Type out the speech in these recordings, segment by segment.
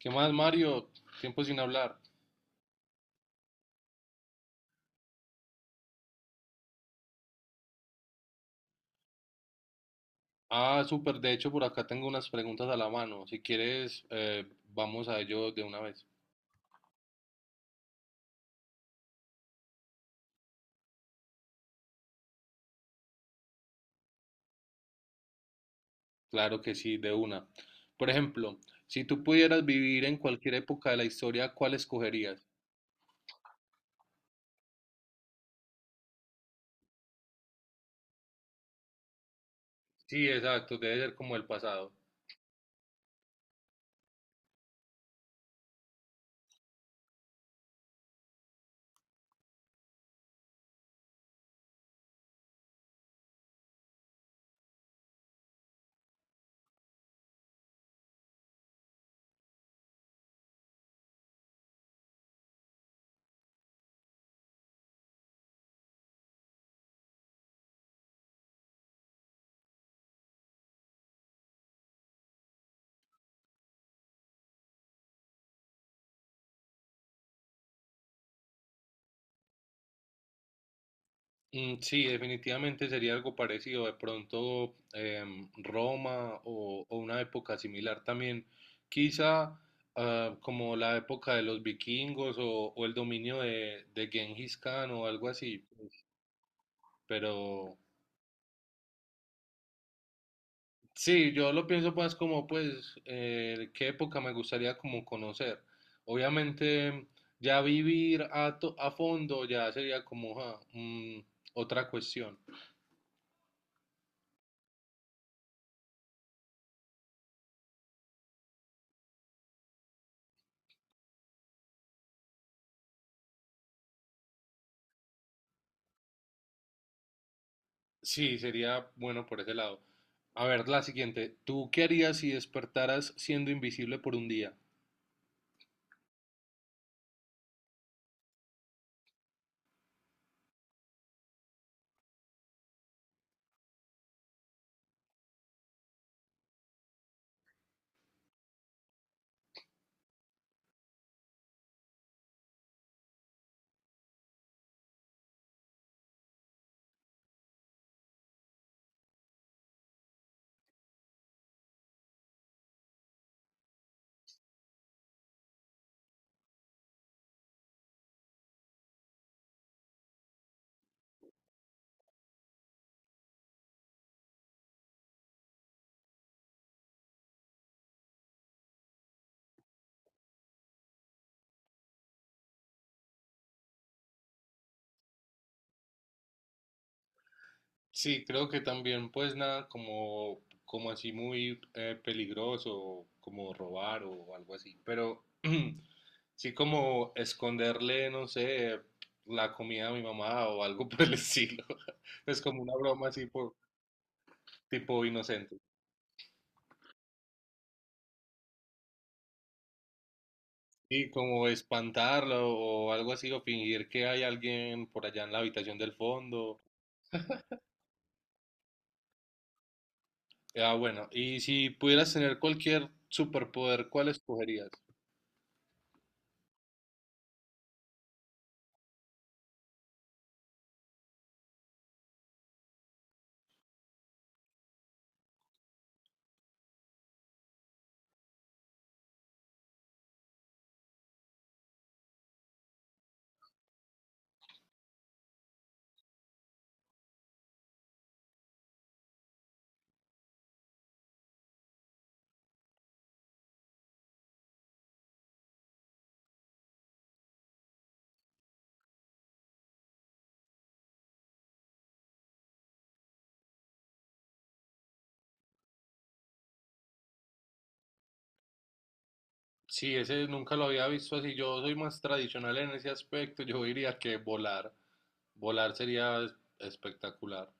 ¿Qué más, Mario? Tiempo sin hablar. Ah, súper. De hecho, por acá tengo unas preguntas a la mano. Si quieres, vamos a ello de una vez. Claro que sí, de una. Por ejemplo, si tú pudieras vivir en cualquier época de la historia, ¿cuál escogerías? Sí, exacto. Debe ser como el pasado. Mm, sí, definitivamente sería algo parecido, de pronto Roma o una época similar también, quizá ah, como la época de los vikingos o el dominio de Genghis Khan o algo así, pero sí, yo lo pienso más como pues qué época me gustaría como conocer. Obviamente ya vivir a, to- a fondo ya sería como ja, mm, otra cuestión. Sí, sería bueno por ese lado. A ver, la siguiente. ¿Tú qué harías si despertaras siendo invisible por un día? Sí, creo que también, pues nada, como, como así muy peligroso, como robar o algo así. Pero sí, como esconderle, no sé, la comida a mi mamá o algo por el estilo. Es como una broma así, por, tipo inocente. Y como espantarlo o algo así, o fingir que hay alguien por allá en la habitación del fondo. Ah, bueno, ¿y si pudieras tener cualquier superpoder, cuál escogerías? Sí, ese nunca lo había visto así. Yo soy más tradicional en ese aspecto. Yo diría que volar. Volar sería es- espectacular.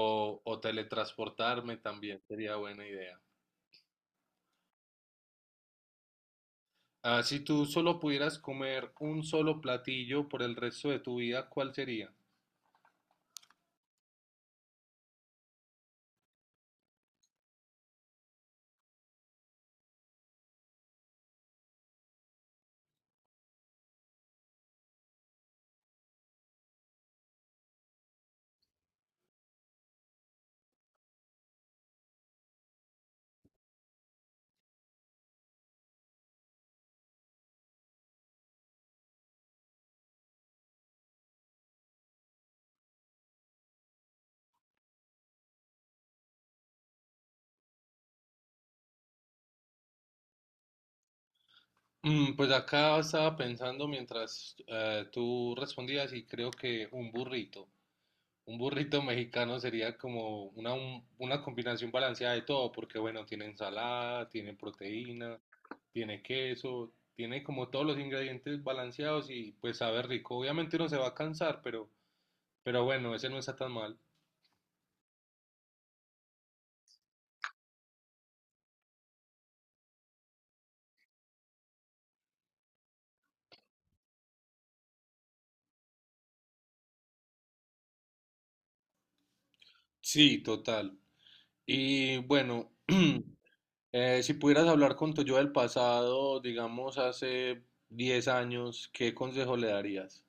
O teletransportarme también sería buena idea. Ah, si tú solo pudieras comer un solo platillo por el resto de tu vida, ¿cuál sería? Mm, pues acá estaba pensando mientras tú respondías y creo que un burrito mexicano sería como una, un- una combinación balanceada de todo, porque bueno, tiene ensalada, tiene proteína, tiene queso, tiene como todos los ingredientes balanceados y pues sabe rico. Obviamente uno se va a cansar, pero bueno, ese no está tan mal. Sí, total. Y bueno, eh, si pudieras hablar con tu yo del pasado, digamos hace 10 años, ¿qué consejo le darías?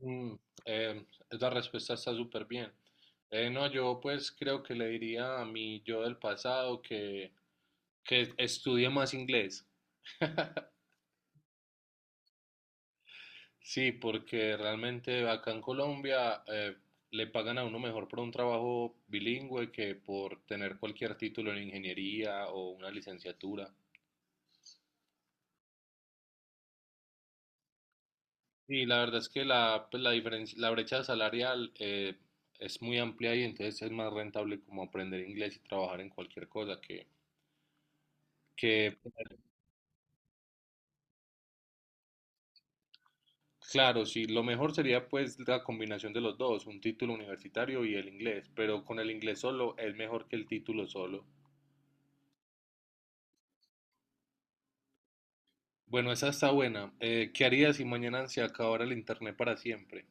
Mm, esa respuesta está súper bien. No, yo pues creo que le diría a mi yo del pasado que estudie más inglés. Sí, porque realmente acá en Colombia le pagan a uno mejor por un trabajo bilingüe que por tener cualquier título en ingeniería o una licenciatura. Sí, la verdad es que la, pues, la diferencia, la brecha salarial es muy amplia y entonces es más rentable como aprender inglés y trabajar en cualquier cosa que claro, sí, lo mejor sería pues la combinación de los dos, un título universitario y el inglés, pero con el inglés solo es mejor que el título solo. Bueno, esa está buena. ¿Qué harías si mañana se acabara el internet para siempre?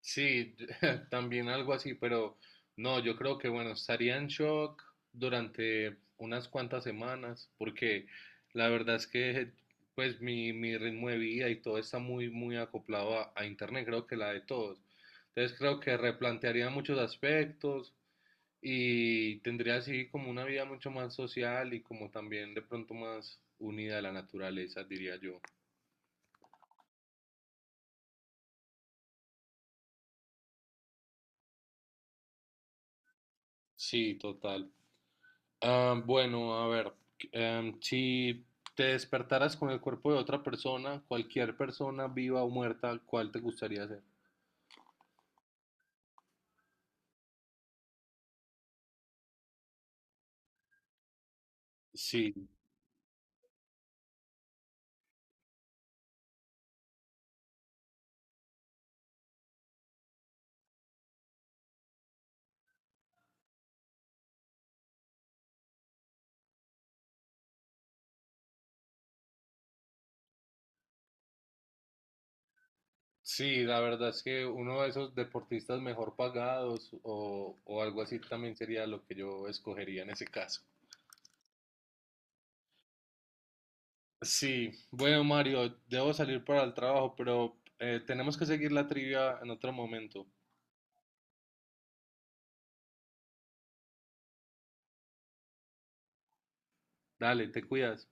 Sí, también algo así, pero no, yo creo que bueno, estaría en shock durante unas cuantas semanas, porque la verdad es que pues mi ritmo de vida y todo está muy, muy acoplado a internet, creo que la de todos. Entonces creo que replantearía muchos aspectos y tendría así como una vida mucho más social y como también de pronto más unida a la naturaleza, diría yo. Sí, total. Ah, bueno, a ver, em, si te despertaras con el cuerpo de otra persona, cualquier persona viva o muerta, ¿cuál te gustaría ser? Sí, sí, la verdad es que uno de esos deportistas mejor pagados o algo así también sería lo que yo escogería en ese caso. Sí, bueno, Mario, debo salir para el trabajo, pero tenemos que seguir la trivia en otro momento. Dale, te cuidas.